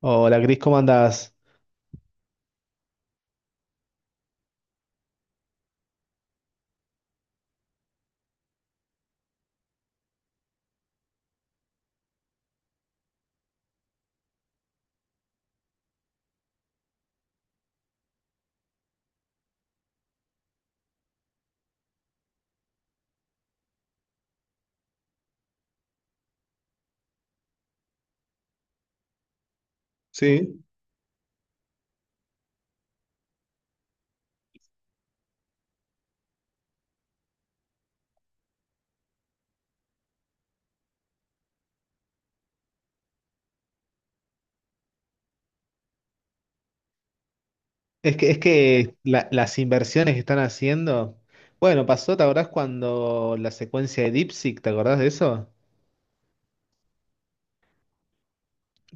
Hola, Cris, ¿cómo andás? Sí. Es que la- las inversiones que están haciendo. Bueno, pasó, ¿te acordás cuando la secuencia de DeepSeek, ¿te acordás de eso?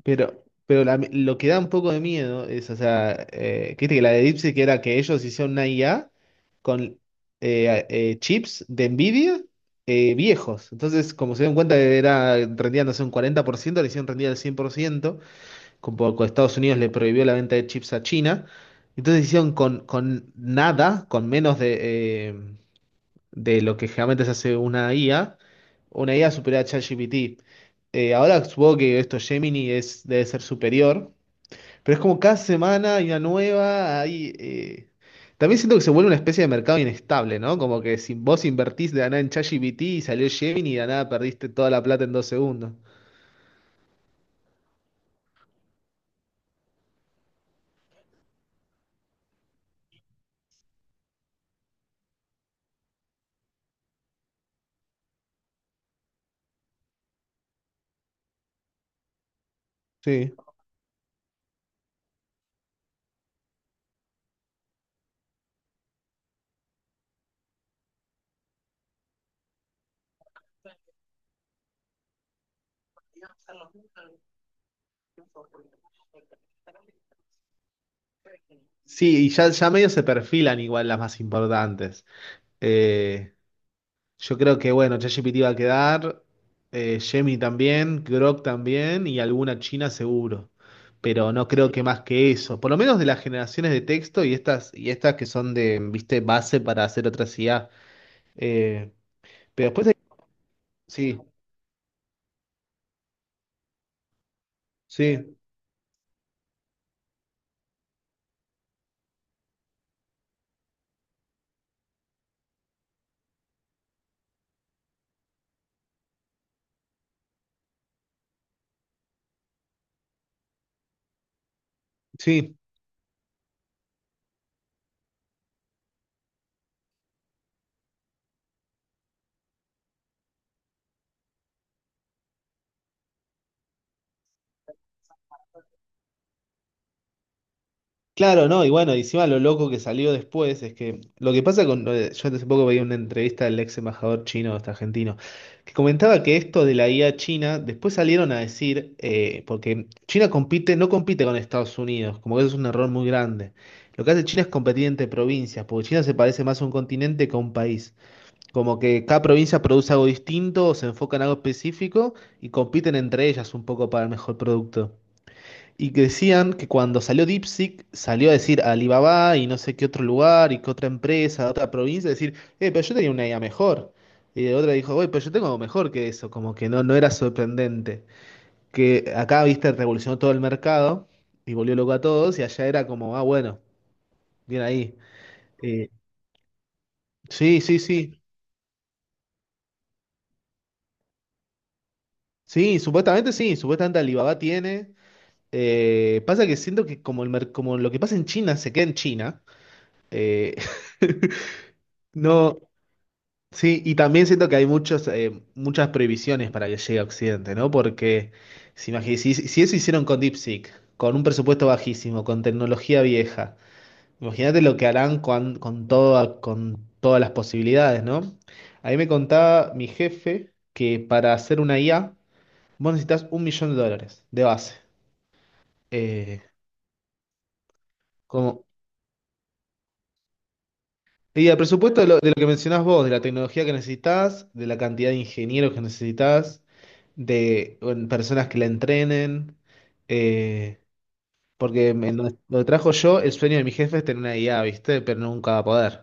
Pero la- lo que da un poco de miedo es, o sea, que viste que la de DeepSeek era que ellos hicieron una IA con chips de Nvidia viejos. Entonces, como se dieron cuenta que era rendían, no sé, un 40% le hicieron rendir al 100% como con Estados Unidos le prohibió la venta de chips a China. Entonces hicieron con nada, con menos de lo que generalmente se hace una IA, una IA superior a ChatGPT. Ahora supongo que esto Gemini es, debe ser superior, pero es como cada semana hay una nueva, hay, también siento que se vuelve una especie de mercado inestable, ¿no? Como que si vos invertís de la nada en ChatGPT y salió Gemini y de la nada perdiste toda la plata en dos segundos. Sí. Sí, y ya, ya medio se perfilan igual las más importantes. Eh, yo creo que, bueno, ChatGPT va a quedar, Gemini también, Grok también y alguna china seguro. Pero no creo que más que eso. Por lo menos de las generaciones de texto y estas que son de, viste, base para hacer otras IA. Eh, pero después hay- Sí, sí, sí. Claro, no, y bueno, y encima lo loco que salió después es que lo que pasa con. Yo hace poco veía una entrevista del ex embajador chino, este argentino, que comentaba que esto de la IA china, después salieron a decir, porque China compite, no compite con Estados Unidos, como que eso es un error muy grande. Lo que hace China es competir entre provincias, porque China se parece más a un continente que a un país. Como que cada provincia produce algo distinto, o se enfoca en algo específico y compiten entre ellas un poco para el mejor producto. Y que decían que cuando salió DeepSeek, salió a decir a Alibaba y no sé qué otro lugar y qué otra empresa, otra provincia, decir, pero yo tenía una idea mejor. Y otra dijo, güey, pero yo tengo algo mejor que eso, como que no, no era sorprendente. Que acá, viste, revolucionó todo el mercado y volvió loco a todos y allá era como, ah, bueno, bien ahí. Eh, sí, sí, sí. Sí, supuestamente Alibaba tiene. Pasa que siento que como, el mer- como lo que pasa en China se queda en China. eh, no, sí, y también siento que hay muchos, muchas prohibiciones para que llegue a Occidente, ¿no? Porque si, imagi- si, si eso hicieron con DeepSeek, con un presupuesto bajísimo, con tecnología vieja, imagínate lo que harán con, toda- con todas las posibilidades, ¿no? Ahí me contaba mi jefe que para hacer una IA, vos necesitas $1 millón de base. Eh, como Y el presupuesto de lo que mencionás vos, de la tecnología que necesitas, de la cantidad de ingenieros que necesitas, de bueno, personas que la entrenen, eh, porque en donde, donde trabajo yo, el sueño de mi jefe es tener una IA, ¿viste? Pero nunca va a poder.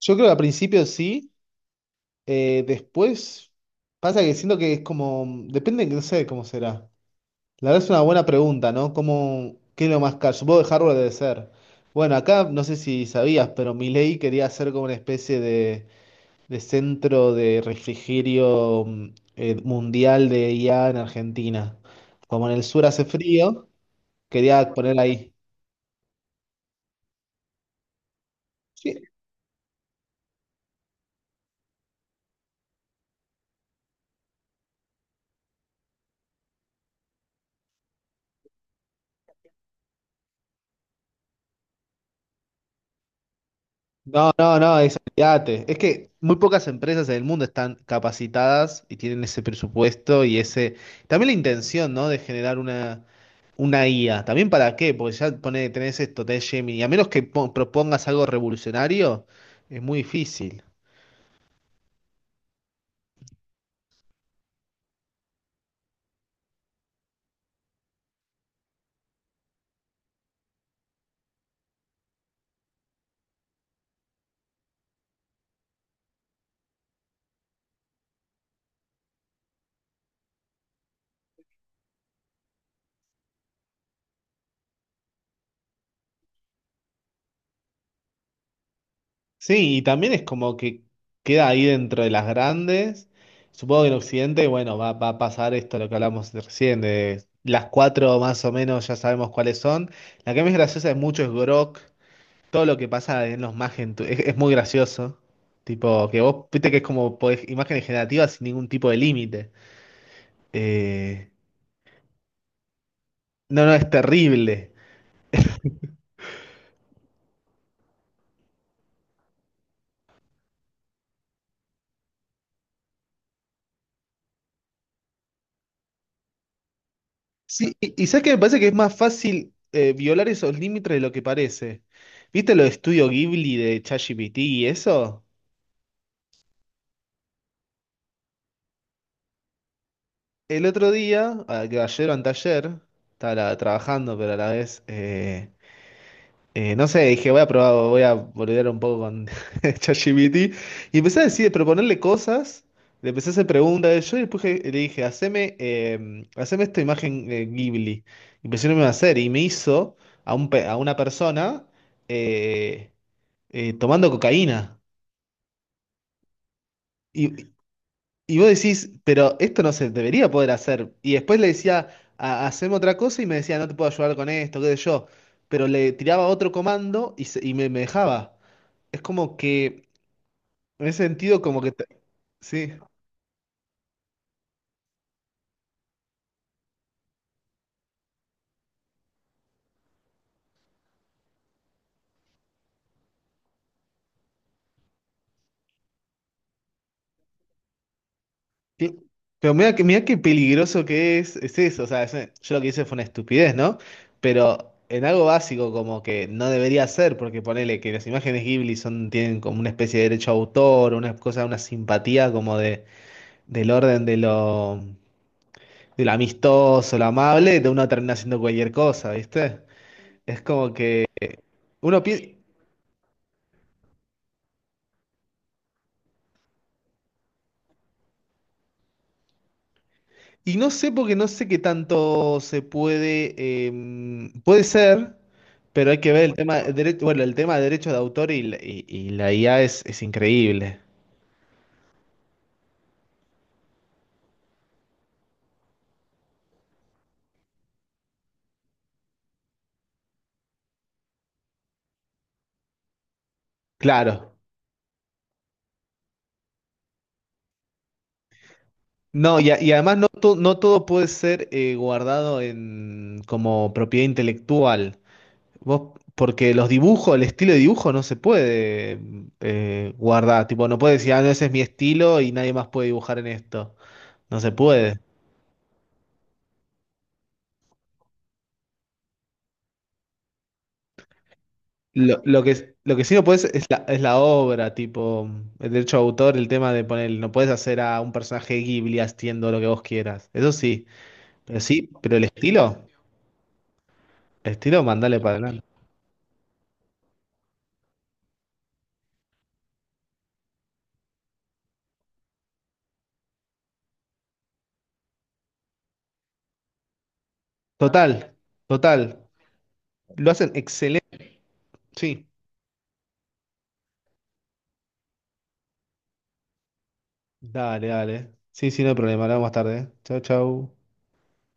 Yo creo que al principio sí, después pasa que siento que es como, depende, no sé cómo será. La verdad es una buena pregunta, ¿no? ¿Cómo, qué es lo más caro? Supongo que hardware debe ser. Bueno, acá no sé si sabías, pero mi ley quería hacer como una especie de centro de refrigerio mundial de IA en Argentina. Como en el sur hace frío, quería poner ahí. Sí. No, no, no, es, olvídate. Es que muy pocas empresas en el mundo están capacitadas y tienen ese presupuesto y ese. También la intención, ¿no? De generar una IA. ¿También para qué? Porque ya pone, tenés esto, tenés Gemini. Y a menos que po- propongas algo revolucionario, es muy difícil. Sí, y también es como que queda ahí dentro de las grandes. Supongo que en Occidente, bueno, va, va a pasar esto, lo que hablamos recién, de las cuatro más o menos ya sabemos cuáles son. La que más graciosa es mucho es Grok, todo lo que pasa en los Magen tu- es muy gracioso. Tipo, que vos viste que es como podés- imágenes generativas sin ningún tipo de límite. Eh, no, no, es terrible. Sí, y sabes que me parece que es más fácil violar esos límites de lo que parece. ¿Viste lo de Estudio Ghibli de ChatGPT y eso? El otro día, a- que ayer o anteayer, estaba la- trabajando, pero a la vez, no sé, dije, voy a probar, voy a boludear un poco con ChatGPT. Y empecé a decir, proponerle cosas, le empecé a hacer preguntas yo y después le dije, haceme, haceme esta imagen Ghibli. Y empecé a hacer y me hizo a, un, pe- a una persona. eh, tomando cocaína. Y, y vos decís, pero esto no se debería poder hacer. Y después le decía, "Ha- haceme otra cosa y me decía, no te puedo ayudar con esto, qué sé yo. Pero le tiraba otro comando y, se- y me dejaba. Es como que, en ese sentido, como que... te- Sí. Sí, pero mira que, mira qué peligroso que es eso. O sea, es- yo lo que hice fue una estupidez, ¿no? Pero en algo básico como que no debería ser, porque ponele que las imágenes Ghibli son, tienen como una especie de derecho a autor, una cosa, una simpatía como de, del orden de lo amistoso, lo amable, de uno termina haciendo cualquier cosa, ¿viste? Es como que uno piensa. Y no sé porque no sé qué tanto se puede, puede ser, pero hay que ver el tema de derecho, bueno, el tema de derechos de autor y la IA es increíble. Claro. No, y, a- y además no, to- no todo puede ser guardado en, como propiedad intelectual. Vos, porque los dibujos, el estilo de dibujo no se puede guardar. Tipo, no puedes decir, ah, no, ese es mi estilo y nadie más puede dibujar en esto. No se puede. Lo que sí no puedes es la obra, tipo, el derecho de autor, el tema de poner, no puedes hacer a un personaje Ghibli haciendo lo que vos quieras. Eso sí, pero el estilo, mandale para adelante. Total, total. Lo hacen excelente. Sí, dale, dale. Sí, sí, no hay problema. Hablamos más tarde. ¿Eh? Chau, chau.